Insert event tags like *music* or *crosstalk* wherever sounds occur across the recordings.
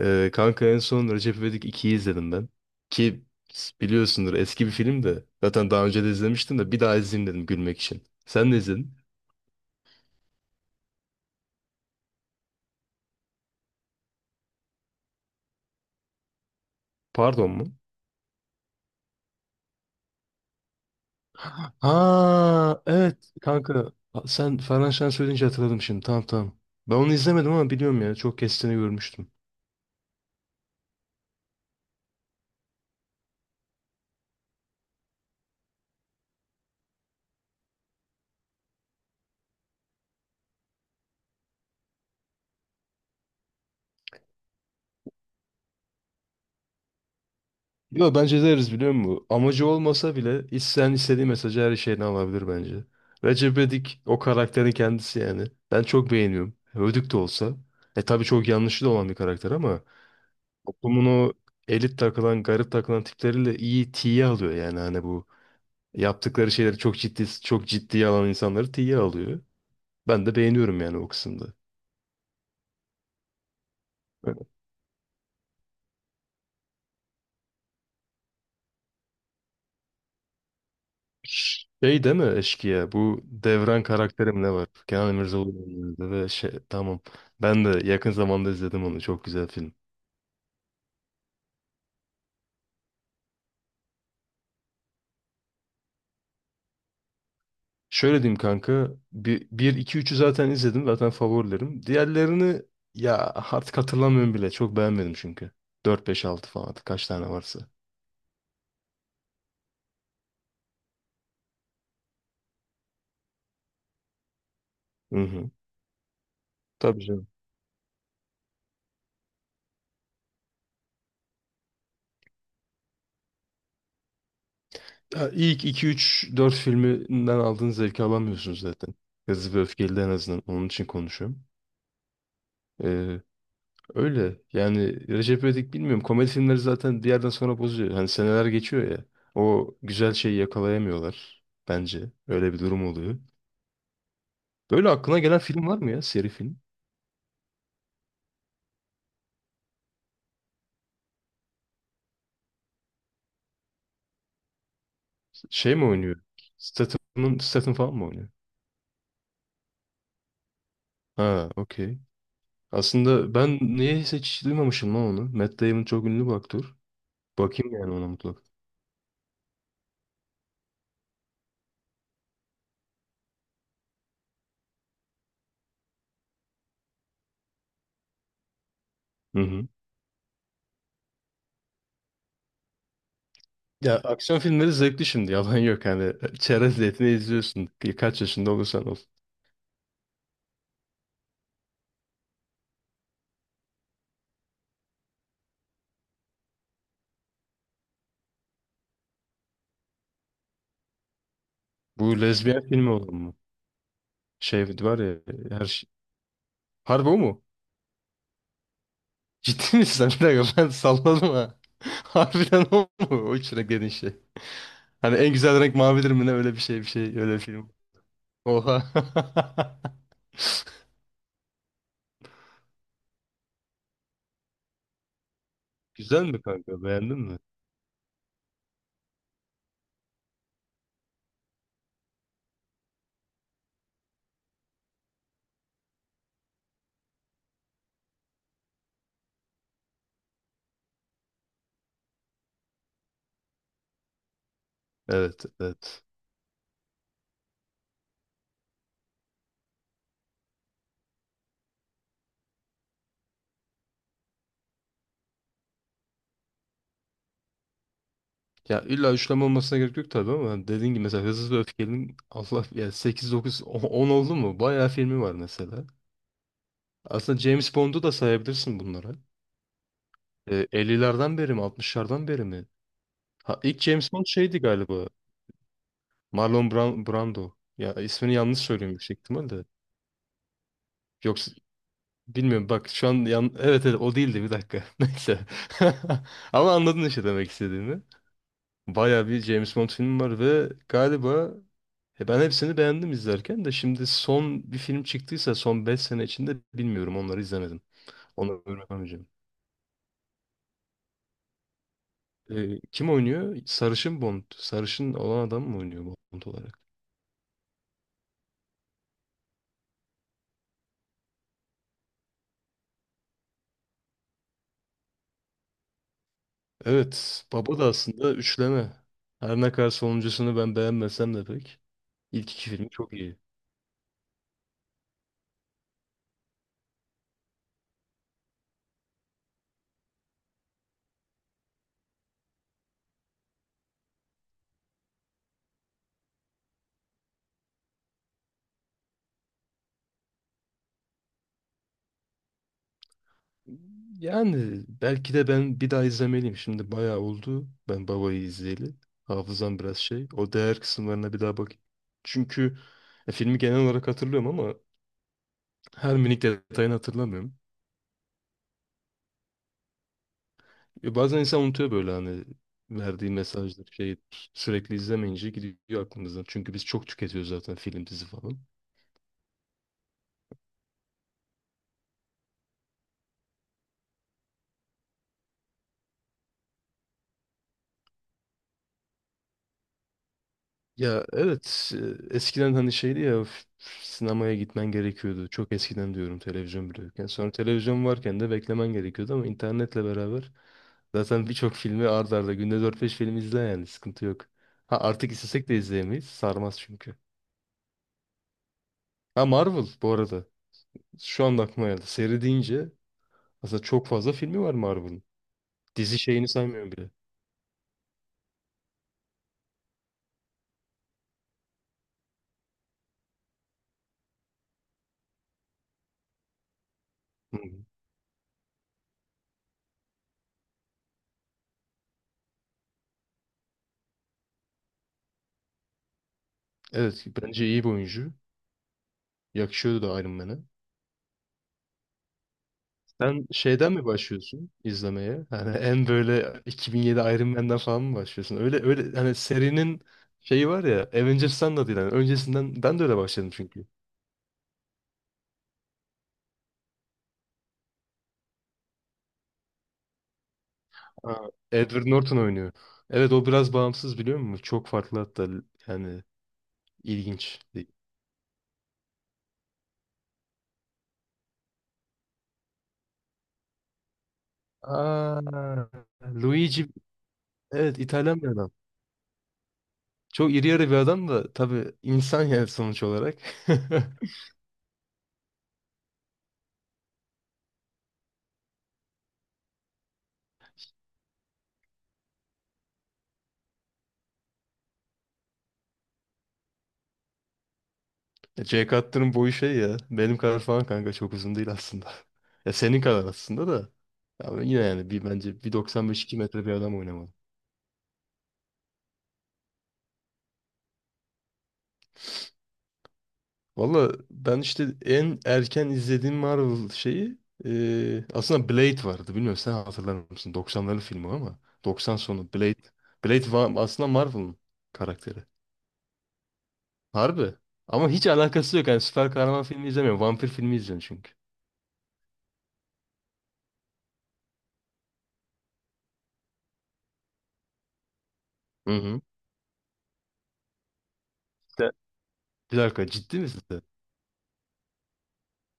Kanka en son Recep İvedik 2'yi izledim ben. Ki biliyorsundur eski bir film de. Zaten daha önce de izlemiştim de bir daha izleyeyim dedim gülmek için. Sen de izledin. Pardon mu? Ha, evet kanka. Sen Ferhan Şen söyleyince hatırladım şimdi. Tamam, tamam. Ben onu izlemedim ama biliyorum ya. Çok kestiğini görmüştüm. Yo, bence deriz biliyor musun? Amacı olmasa bile isteyen istediği mesajı her şeyini alabilir bence. Recep İvedik o karakterin kendisi yani. Ben çok beğeniyorum. Ödük de olsa. E tabii çok yanlışlı da olan bir karakter ama toplumun o elit takılan, garip takılan tipleriyle iyi tiye alıyor yani hani bu yaptıkları şeyleri çok ciddi çok ciddiye alan insanları tiye alıyor. Ben de beğeniyorum yani o kısımda. Şey, değil mi eşkıya? Bu Devran karakterim ne var? Kenan İmirzalıoğlu oynuyordu ve şey, tamam. Ben de yakın zamanda izledim onu. Çok güzel film. Şöyle diyeyim kanka. Bir iki, 3'ü zaten izledim. Zaten favorilerim. Diğerlerini ya artık hatırlamıyorum bile. Çok beğenmedim çünkü. 4 5 6 falan artık kaç tane varsa. Hı hı. Tabii canım. Ya ilk 2, 3, 4 filminden aldığın zevki alamıyorsunuz zaten. Hızlı ve Öfkeli'de en azından. Onun için konuşuyorum. Ee, Öyle. Yani Recep İvedik bilmiyorum. Komedi filmleri zaten bir yerden sonra bozuyor. Hani seneler geçiyor ya. O güzel şeyi yakalayamıyorlar. Bence. Öyle bir durum oluyor. Böyle aklına gelen film var mı ya? Seri film. Şey mi oynuyor? Statham'ın, Statham falan mı oynuyor? Ha, okey. Aslında ben niye hiç duymamışım lan onu. Matt Damon çok ünlü bir aktör. Bakayım yani ona mutlaka. Hı hı. Ya aksiyon filmleri zevkli şimdi. Yalan yok. Hani *laughs* çerez niyetine izliyorsun. Kaç yaşında olursan ol. Bu lezbiyen filmi olan mı? Şey var ya, her şey. Harbi o mu? Ciddi misin? *laughs* Bir dakika, ben salladım ha. *laughs* Harbiden o mu? O içine gelen şey. Hani en güzel renk mavidir mi, ne öyle bir şey, bir şey, öyle bir film. Oha. *laughs* Güzel mi kanka, beğendin mi? Evet, evet. Ya illa üçleme olmasına gerek yok tabii ama dediğin gibi mesela Hızlı ve Öfkeli'nin Allah ya 8 9 10 oldu mu? Bayağı filmi var mesela. Aslında James Bond'u da sayabilirsin bunlara. E, 50'lerden beri mi, altmışlardan beri mi? Ha, ilk James Bond şeydi galiba. Marlon Brando. Ya ismini yanlış söylüyorum yüksek ihtimalle. Yoksa bilmiyorum, bak şu an evet evet o değildi, bir dakika. *laughs* Neyse. *laughs* Ama anladın işte demek istediğimi. Baya bir James Bond filmi var ve galiba ben hepsini beğendim izlerken de, şimdi son bir film çıktıysa son 5 sene içinde bilmiyorum, onları izlemedim. Onları öğrenemeyeceğim. Kim oynuyor? Sarışın Bond. Sarışın olan adam mı oynuyor Bond olarak? Evet, Baba da aslında üçleme. Her ne kadar sonuncusunu ben beğenmesem de pek. İlk iki filmi çok iyi. Yani belki de ben bir daha izlemeliyim. Şimdi bayağı oldu ben Baba'yı izleyeli. Hafızam biraz şey. O değer kısımlarına bir daha bakayım. Çünkü filmi genel olarak hatırlıyorum ama her minik detayını hatırlamıyorum. Bazen insan unutuyor böyle hani verdiği mesajlar şey, sürekli izlemeyince gidiyor aklımızdan. Çünkü biz çok tüketiyoruz zaten, film dizi falan. Ya evet, eskiden hani şeydi ya, sinemaya gitmen gerekiyordu. Çok eskiden diyorum, televizyon bile yokken. Sonra televizyon varken de beklemen gerekiyordu ama internetle beraber zaten birçok filmi art arda, günde dört beş film izle yani, sıkıntı yok. Ha, artık istesek de izleyemeyiz. Sarmaz çünkü. Ha, Marvel bu arada. Şu anda aklıma geldi. Seri deyince aslında çok fazla filmi var Marvel'ın. Dizi şeyini saymıyorum bile. Hı. Evet, bence iyi bir oyuncu. Yakışıyordu da Iron Man'e. Sen şeyden mi başlıyorsun izlemeye? Hani en böyle 2007 Iron Man'den falan mı başlıyorsun? Öyle öyle hani serinin şeyi var ya, Avengers'tan da değil yani, öncesinden. Ben de öyle başladım çünkü. Ha, Edward Norton oynuyor. Evet o biraz bağımsız biliyor musun? Çok farklı hatta yani, ilginç. Aa, Luigi, evet İtalyan bir adam. Çok iri yarı bir adam da tabii insan, yani sonuç olarak. *laughs* Ya C kattının boyu şey ya. Benim kadar falan kanka, çok uzun değil aslında. *laughs* Ya senin kadar aslında da. Ya ben yine yani bir, bence 195, 2 metre bir adam oynamalı. Valla ben işte en erken izlediğim Marvel şeyi aslında Blade vardı. Bilmiyorum sen hatırlar mısın? 90'ların filmi o ama. 90 sonu Blade. Blade aslında Marvel'ın karakteri. Harbi. Ama hiç alakası yok. Yani süper kahraman filmi izlemiyorum, vampir filmi izliyorum çünkü. Hı hı. Sen- Bir dakika, ciddi misin? Sen?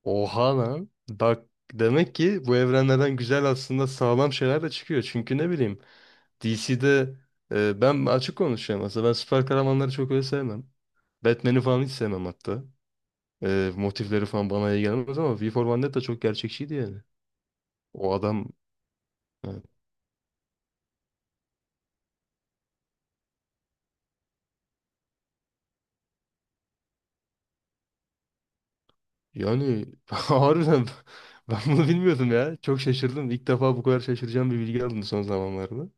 Oha lan. Bak, demek ki bu evrenlerden güzel, aslında sağlam şeyler de çıkıyor. Çünkü ne bileyim, DC'de ben açık konuşuyorum aslında. Ben süper kahramanları çok öyle sevmem. Batman'i falan hiç sevmem hatta. Motifleri falan bana iyi gelmez ama V for Vendetta çok gerçekçiydi yani. O adam yani, yani *laughs* harbiden ben bunu bilmiyordum ya. Çok şaşırdım. İlk defa bu kadar şaşıracağım bir bilgi aldım son zamanlarda.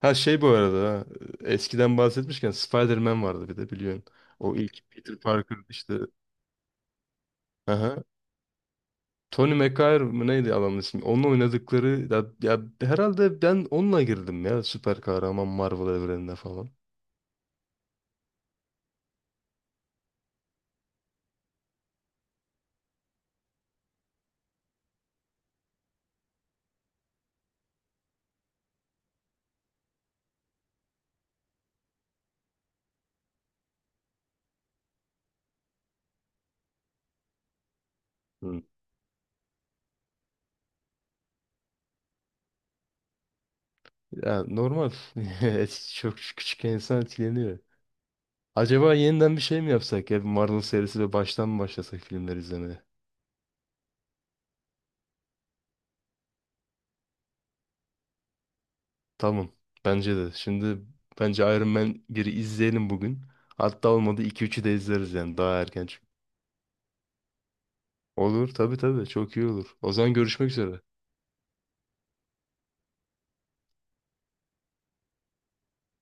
Ha şey, bu arada ha, eskiden bahsetmişken Spider-Man vardı bir de, biliyorsun. O ilk Peter Parker işte. Aha. Tony McGuire mı neydi adamın ismi? Onun oynadıkları ya, ya herhalde ben onunla girdim ya süper kahraman Marvel evrenine falan. Hı. Ya normal. *laughs* Çok küçük, insan etkileniyor. Acaba yeniden bir şey mi yapsak ya? Bir Marvel serisi ve baştan mı başlasak filmleri izlemeye? Tamam. Bence de. Şimdi bence Iron Man 1'i izleyelim bugün. Hatta olmadı iki üçü de izleriz yani, daha erken çünkü. Olur tabii tabii, çok iyi olur. O zaman görüşmek üzere.